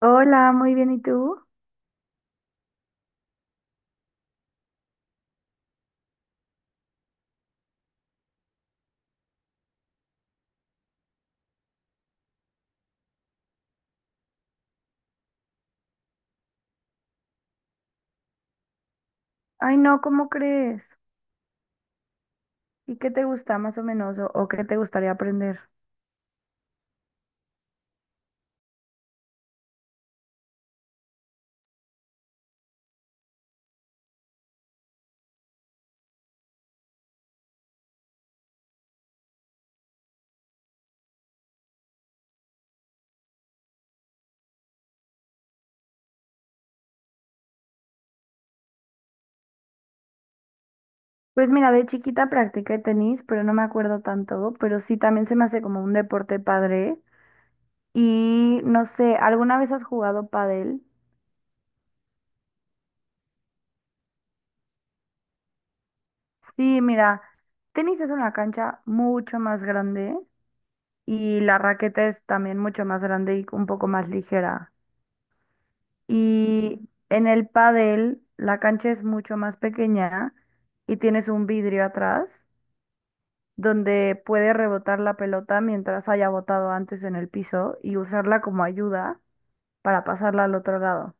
Hola, muy bien, ¿y tú? Ay, no, ¿cómo crees? ¿Y qué te gusta más o menos o qué te gustaría aprender? Pues mira, de chiquita practiqué tenis, pero no me acuerdo tanto, pero sí también se me hace como un deporte padre. Y no sé, ¿alguna vez has jugado pádel? Sí, mira, tenis es una cancha mucho más grande y la raqueta es también mucho más grande y un poco más ligera. Y en el pádel la cancha es mucho más pequeña y tienes un vidrio atrás, donde puede rebotar la pelota mientras haya botado antes en el piso y usarla como ayuda para pasarla al otro lado.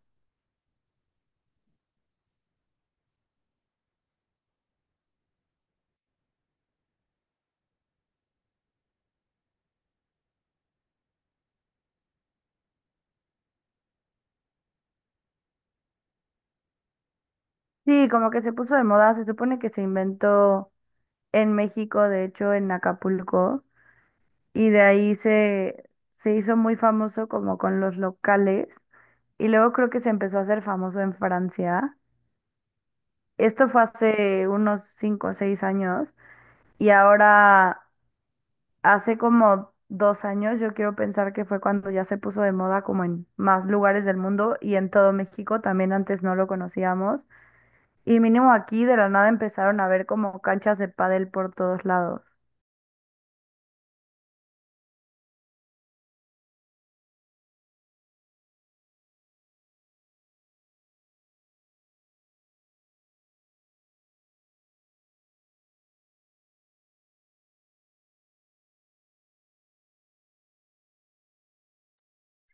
Sí, como que se puso de moda, se supone que se inventó en México, de hecho en Acapulco, y de ahí se hizo muy famoso como con los locales, y luego creo que se empezó a hacer famoso en Francia. Esto fue hace unos 5 o 6 años, y ahora hace como 2 años, yo quiero pensar que fue cuando ya se puso de moda como en más lugares del mundo y en todo México, también antes no lo conocíamos. Y mínimo aquí de la nada empezaron a ver como canchas de pádel por todos lados.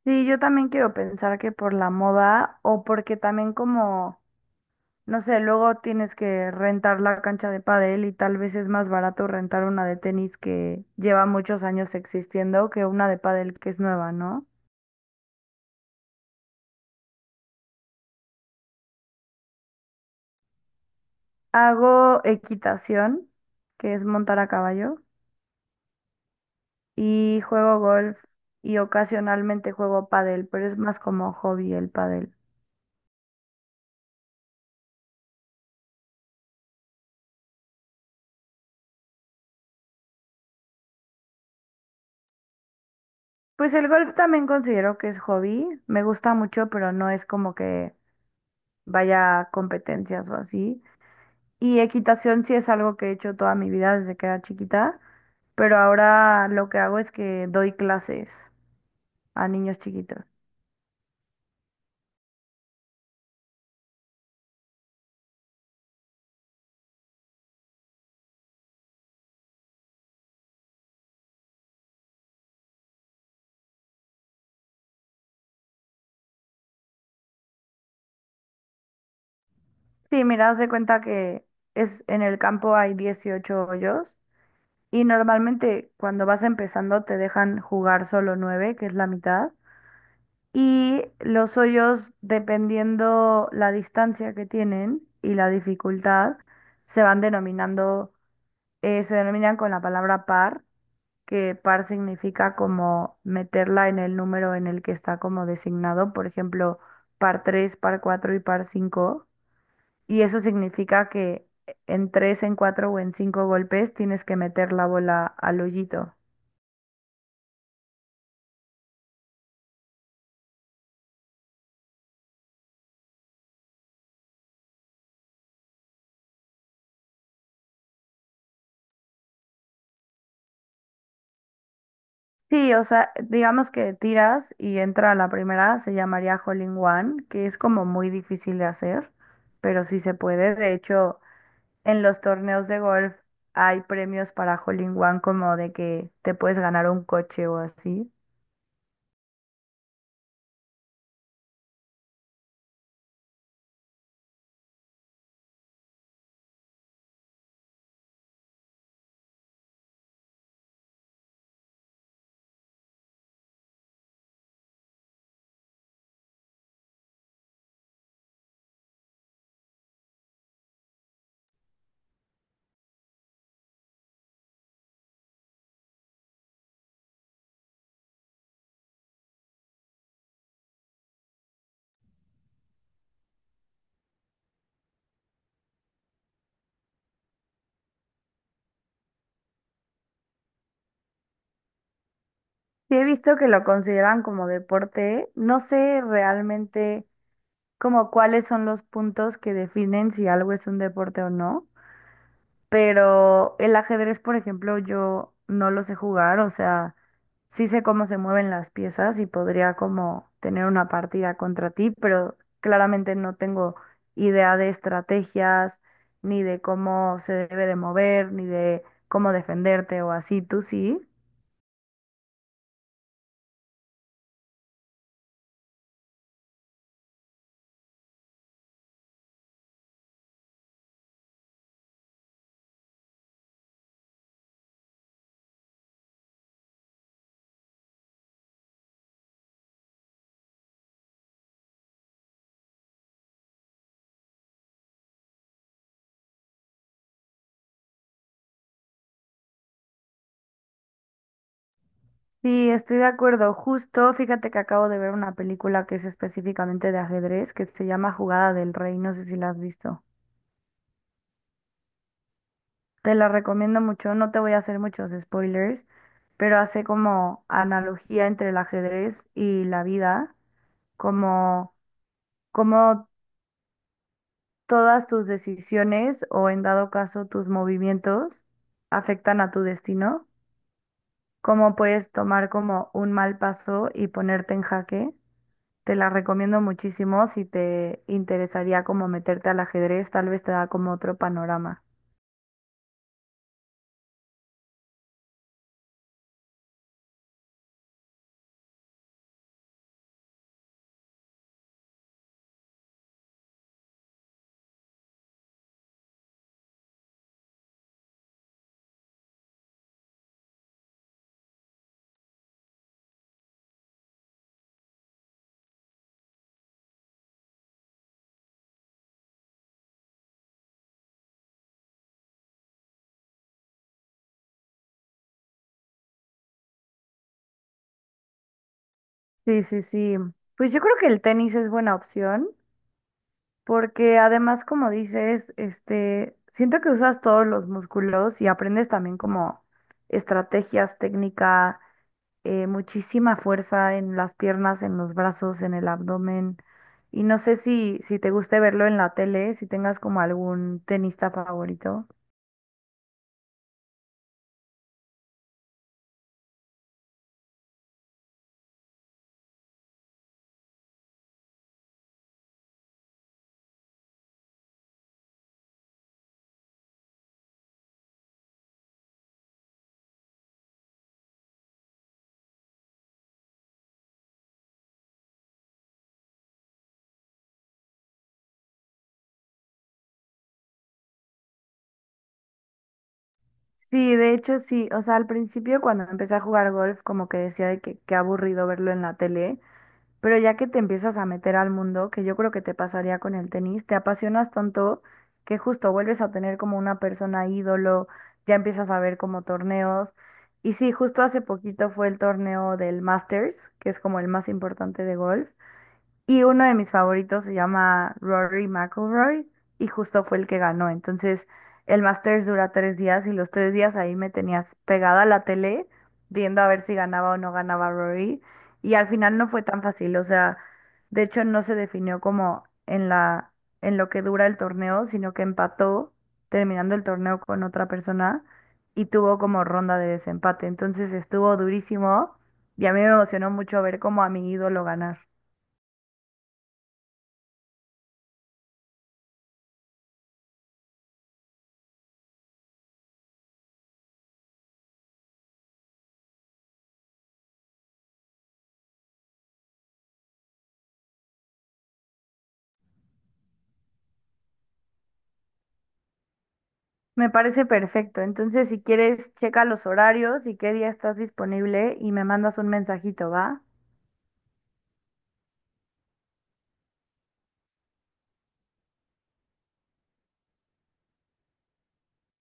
Sí, yo también quiero pensar que por la moda o porque también como, no sé, luego tienes que rentar la cancha de pádel y tal vez es más barato rentar una de tenis que lleva muchos años existiendo que una de pádel que es nueva, ¿no? Hago equitación, que es montar a caballo, y juego golf y ocasionalmente juego pádel, pero es más como hobby el pádel. Pues el golf también considero que es hobby, me gusta mucho, pero no es como que vaya a competencias o así. Y equitación sí es algo que he hecho toda mi vida desde que era chiquita, pero ahora lo que hago es que doy clases a niños chiquitos. Sí, mira, haz de cuenta que es en el campo hay 18 hoyos. Y normalmente cuando vas empezando te dejan jugar solo nueve, que es la mitad. Y los hoyos, dependiendo la distancia que tienen y la dificultad, se van denominando, se denominan con la palabra par, que par significa como meterla en el número en el que está como designado, por ejemplo, par 3, par 4 y par 5 Y eso significa que en 3, en 4 o en 5 golpes tienes que meter la bola al hoyito. Sí, o sea, digamos que tiras y entra la primera, se llamaría Hole in One, que es como muy difícil de hacer, pero sí se puede. De hecho, en los torneos de golf hay premios para Hole in One, como de que te puedes ganar un coche o así. Sí, he visto que lo consideran como deporte. No sé realmente como cuáles son los puntos que definen si algo es un deporte o no. Pero el ajedrez, por ejemplo, yo no lo sé jugar, o sea, sí sé cómo se mueven las piezas y podría como tener una partida contra ti, pero claramente no tengo idea de estrategias, ni de cómo se debe de mover, ni de cómo defenderte o así, ¿tú sí? Sí, estoy de acuerdo. Justo, fíjate que acabo de ver una película que es específicamente de ajedrez, que se llama Jugada del Rey, no sé si la has visto. Te la recomiendo mucho, no te voy a hacer muchos spoilers, pero hace como analogía entre el ajedrez y la vida, como, como todas tus decisiones o en dado caso tus movimientos afectan a tu destino, cómo puedes tomar como un mal paso y ponerte en jaque. Te la recomiendo muchísimo, si te interesaría como meterte al ajedrez, tal vez te da como otro panorama. Sí, sí, sí. Pues yo creo que el tenis es buena opción. Porque además, como dices, este, siento que usas todos los músculos y aprendes también como estrategias, técnica, muchísima fuerza en las piernas, en los brazos, en el abdomen. Y no sé si te guste verlo en la tele, si tengas como algún tenista favorito. Sí, de hecho sí, o sea, al principio cuando empecé a jugar golf, como que decía de que qué aburrido verlo en la tele. Pero ya que te empiezas a meter al mundo, que yo creo que te pasaría con el tenis, te apasionas tanto que justo vuelves a tener como una persona ídolo, ya empiezas a ver como torneos. Y sí, justo hace poquito fue el torneo del Masters, que es como el más importante de golf. Y uno de mis favoritos se llama Rory McIlroy y justo fue el que ganó. Entonces, el Masters dura 3 días y los 3 días ahí me tenías pegada a la tele viendo a ver si ganaba o no ganaba Rory. Y al final no fue tan fácil, o sea, de hecho no se definió como en la, en lo que dura el torneo, sino que empató terminando el torneo con otra persona y tuvo como ronda de desempate. Entonces estuvo durísimo y a mí me emocionó mucho ver como a mi ídolo ganar. Me parece perfecto. Entonces, si quieres, checa los horarios y qué día estás disponible y me mandas un mensajito, ¿va?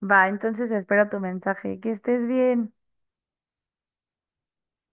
Va, entonces espero tu mensaje. Que estés bien.